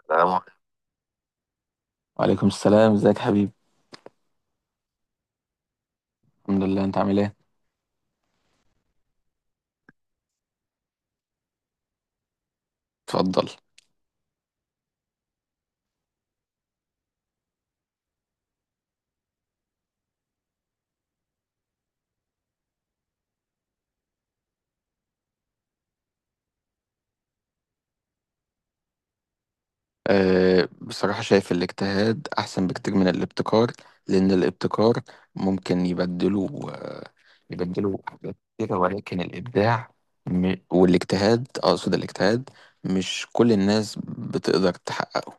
السلام عليكم. وعليكم السلام، ازيك يا حبيبي؟ الحمد لله، انت عامل ايه؟ اتفضل. بصراحة شايف الاجتهاد أحسن بكتير من الابتكار، لأن الابتكار ممكن يبدله حاجات كتيرة. ولكن الإبداع م- والاجتهاد أقصد الاجتهاد مش كل الناس بتقدر تحققه.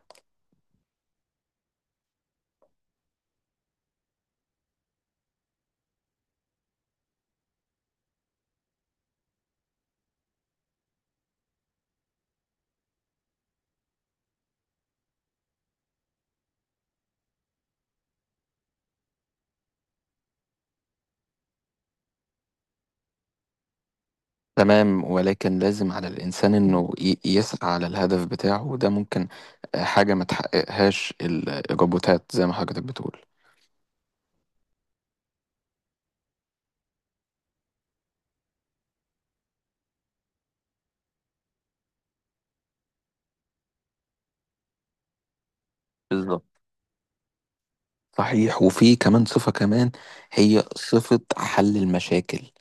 تمام، ولكن لازم على الإنسان إنه يسعى على الهدف بتاعه، وده ممكن حاجة ما تحققهاش الروبوتات زي ما حضرتك بتقول. بالظبط. صحيح، وفي كمان صفة كمان، هي صفة حل المشاكل.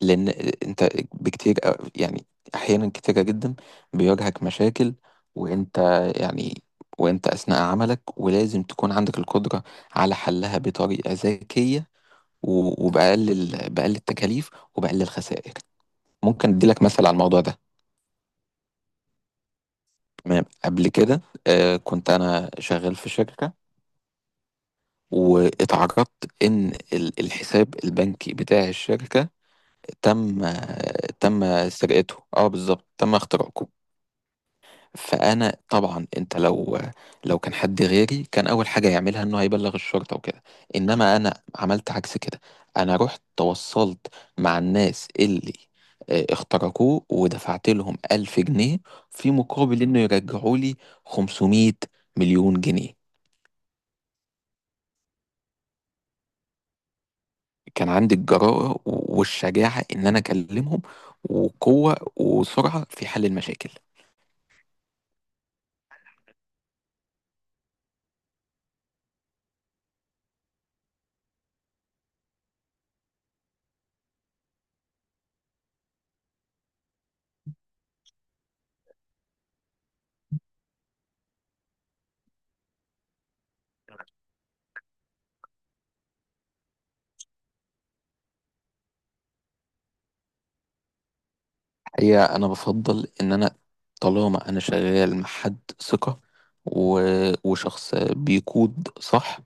لأن أنت بكتير يعني أحيانا كتيرة جدا بيواجهك مشاكل، وأنت يعني وأنت أثناء عملك، ولازم تكون عندك القدرة على حلها بطريقة ذكية بأقل التكاليف وبأقل الخسائر. ممكن أديلك مثل على الموضوع ده. تمام، قبل كده كنت أنا شغال في شركة، واتعرضت إن الحساب البنكي بتاع الشركة تم تم سرقته. اه، بالظبط، تم اختراقه. فانا طبعا انت لو كان حد غيري، كان اول حاجه يعملها انه هيبلغ الشرطه وكده، انما انا عملت عكس كده. انا رحت تواصلت مع الناس اللي اخترقوه، ودفعت لهم 1000 جنيه في مقابل انه يرجعوا لي 500 مليون جنيه. كان عندي الجرأة والشجاعة ان انا اكلمهم، وقوة وسرعة في حل المشاكل. هي انا بفضل ان انا طالما انا شغال مع حد ثقة و... وشخص بيقود صح،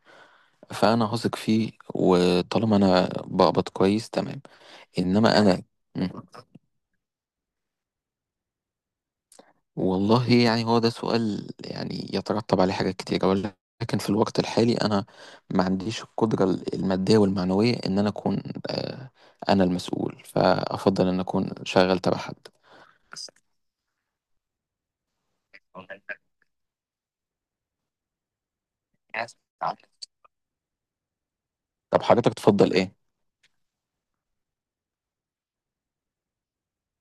فانا هثق فيه، وطالما انا بقبض كويس تمام. انما انا. مم. والله يعني هو ده سؤال يعني يترتب عليه حاجات كتيرة، ولكن في الوقت الحالي انا ما عنديش القدرة المادية والمعنوية ان انا اكون آه، انا المسؤول، فافضل ان اكون شغال تبع حد. طب حضرتك تفضل ايه؟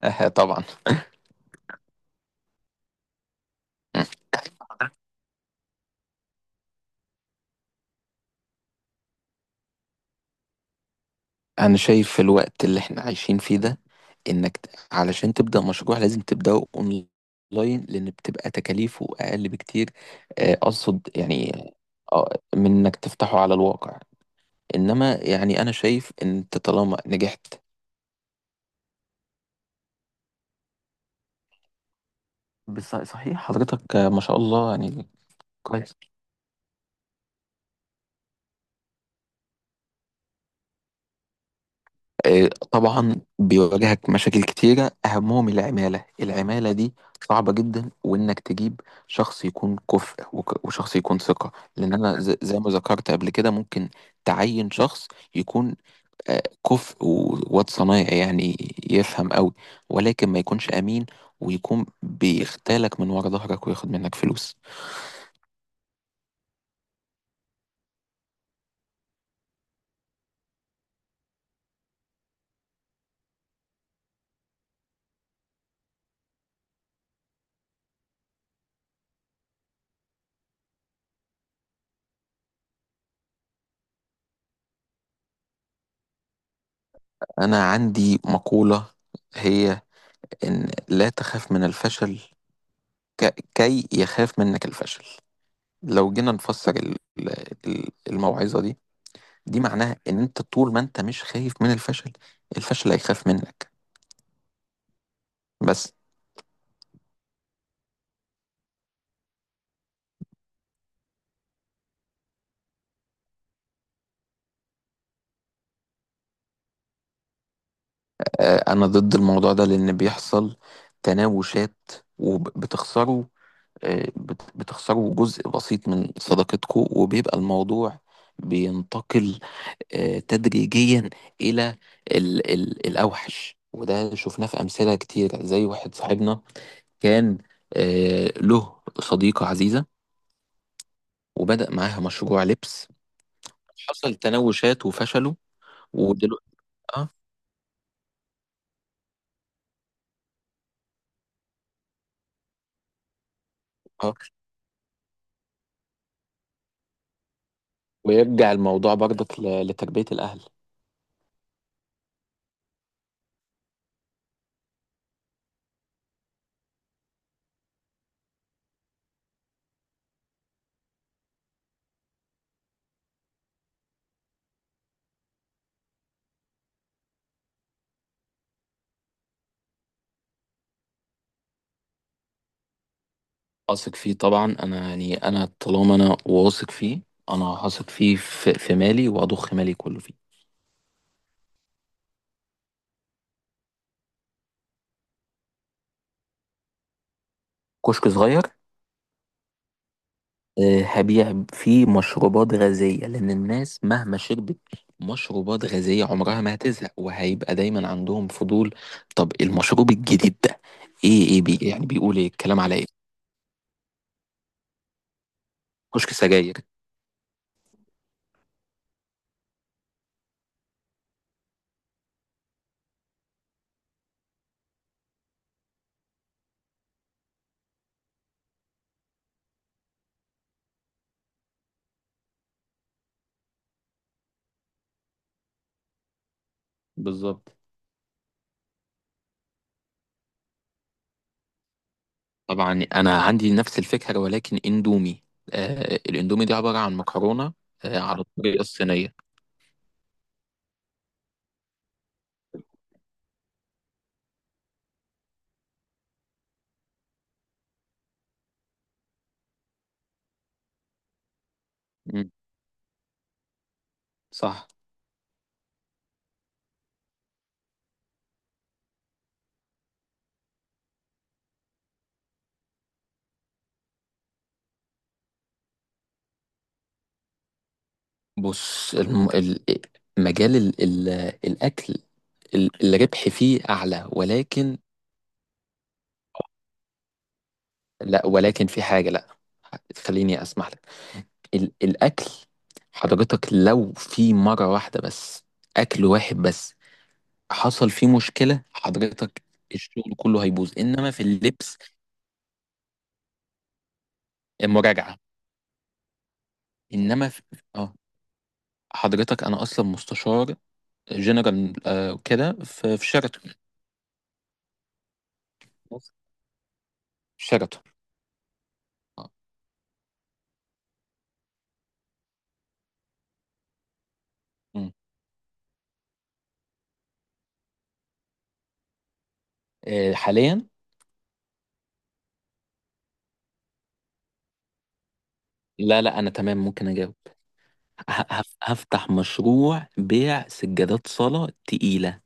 اه، طبعا. انا شايف في الوقت اللي احنا عايشين فيه ده، انك علشان تبدأ مشروع لازم تبدأه اونلاين، لان بتبقى تكاليفه اقل بكتير، اقصد يعني آه، من انك تفتحه على الواقع. انما يعني انا شايف ان انت طالما نجحت. صحيح حضرتك، ما شاء الله يعني. كويس. طبعا بيواجهك مشاكل كتيرة، أهمهم العمالة دي صعبة جدا، وإنك تجيب شخص يكون كفء وشخص يكون ثقة. لأن أنا زي ما ذكرت قبل كده ممكن تعين شخص يكون آه، كفء وواد صنايعي يعني، يفهم قوي، ولكن ما يكونش أمين، ويكون بيختالك من ورا ظهرك وياخد منك فلوس. أنا عندي مقولة هي إن لا تخاف من الفشل كي يخاف منك الفشل. لو جينا نفسر الموعظة دي، دي معناها ان انت طول ما انت مش خايف من الفشل، الفشل هيخاف منك. بس. انا ضد الموضوع ده، لان بيحصل تناوشات وبتخسروا، بتخسروا جزء بسيط من صداقتكم، وبيبقى الموضوع بينتقل تدريجيا الى ال ال الاوحش. وده شفناه في امثله كتير، زي واحد صاحبنا كان له صديقه عزيزه، وبدأ معاها مشروع لبس. حصل تناوشات وفشلوا ودلوقتي. اه، اه، ويرجع الموضوع برضك لتربية الأهل. أثق فيه طبعا، أنا يعني أنا طالما أنا واثق فيه، أنا هثق فيه في مالي، وأضخ مالي كله فيه. كشك صغير. هبيع فيه مشروبات غازية، لأن الناس مهما شربت مشروبات غازية عمرها ما هتزهق، وهيبقى دايما عندهم فضول. طب المشروب الجديد ده إيه؟ إيه بي يعني بيقول إيه؟ الكلام على إيه؟ كشك سجاير. بالظبط. طبعا انا عندي نفس الفكره، ولكن اندومي. آه، الاندومي دي عباره عن مكرونه آه على الطريقه الصينيه. مم. صح. بص، مجال الاكل، الربح فيه اعلى، ولكن. لا، ولكن في حاجه. لا، خليني اسمح لك. الاكل حضرتك، لو في مره واحده بس، اكل واحد بس، حصل فيه مشكله، حضرتك الشغل كله هيبوظ. انما في اللبس مراجعه. انما في... اه، حضرتك انا اصلا مستشار جنرال كده في شيراتون. شيراتون. آه. مم. حاليا. لا، لا، انا تمام ممكن اجاوب. هفتح مشروع بيع سجادات صلاة تقيلة.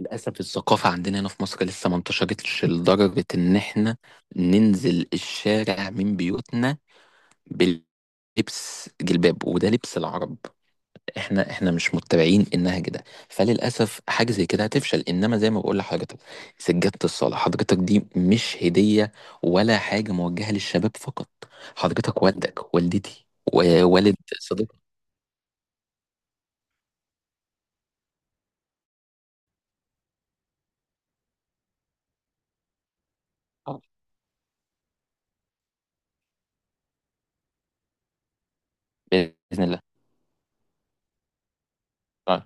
للأسف الثقافة عندنا هنا في مصر لسه ما انتشرتش لدرجة إن إحنا ننزل الشارع من بيوتنا بلبس جلباب، وده لبس العرب. احنا مش متبعين النهج ده. فللاسف حاجه زي كده هتفشل. انما زي ما بقول لحضرتك، سجاده الصلاه حضرتك دي مش هديه، ولا حاجه موجهه للشباب فقط. حضرتك والدك والدتي ووالد صديقك. آه، باذن الله. آه.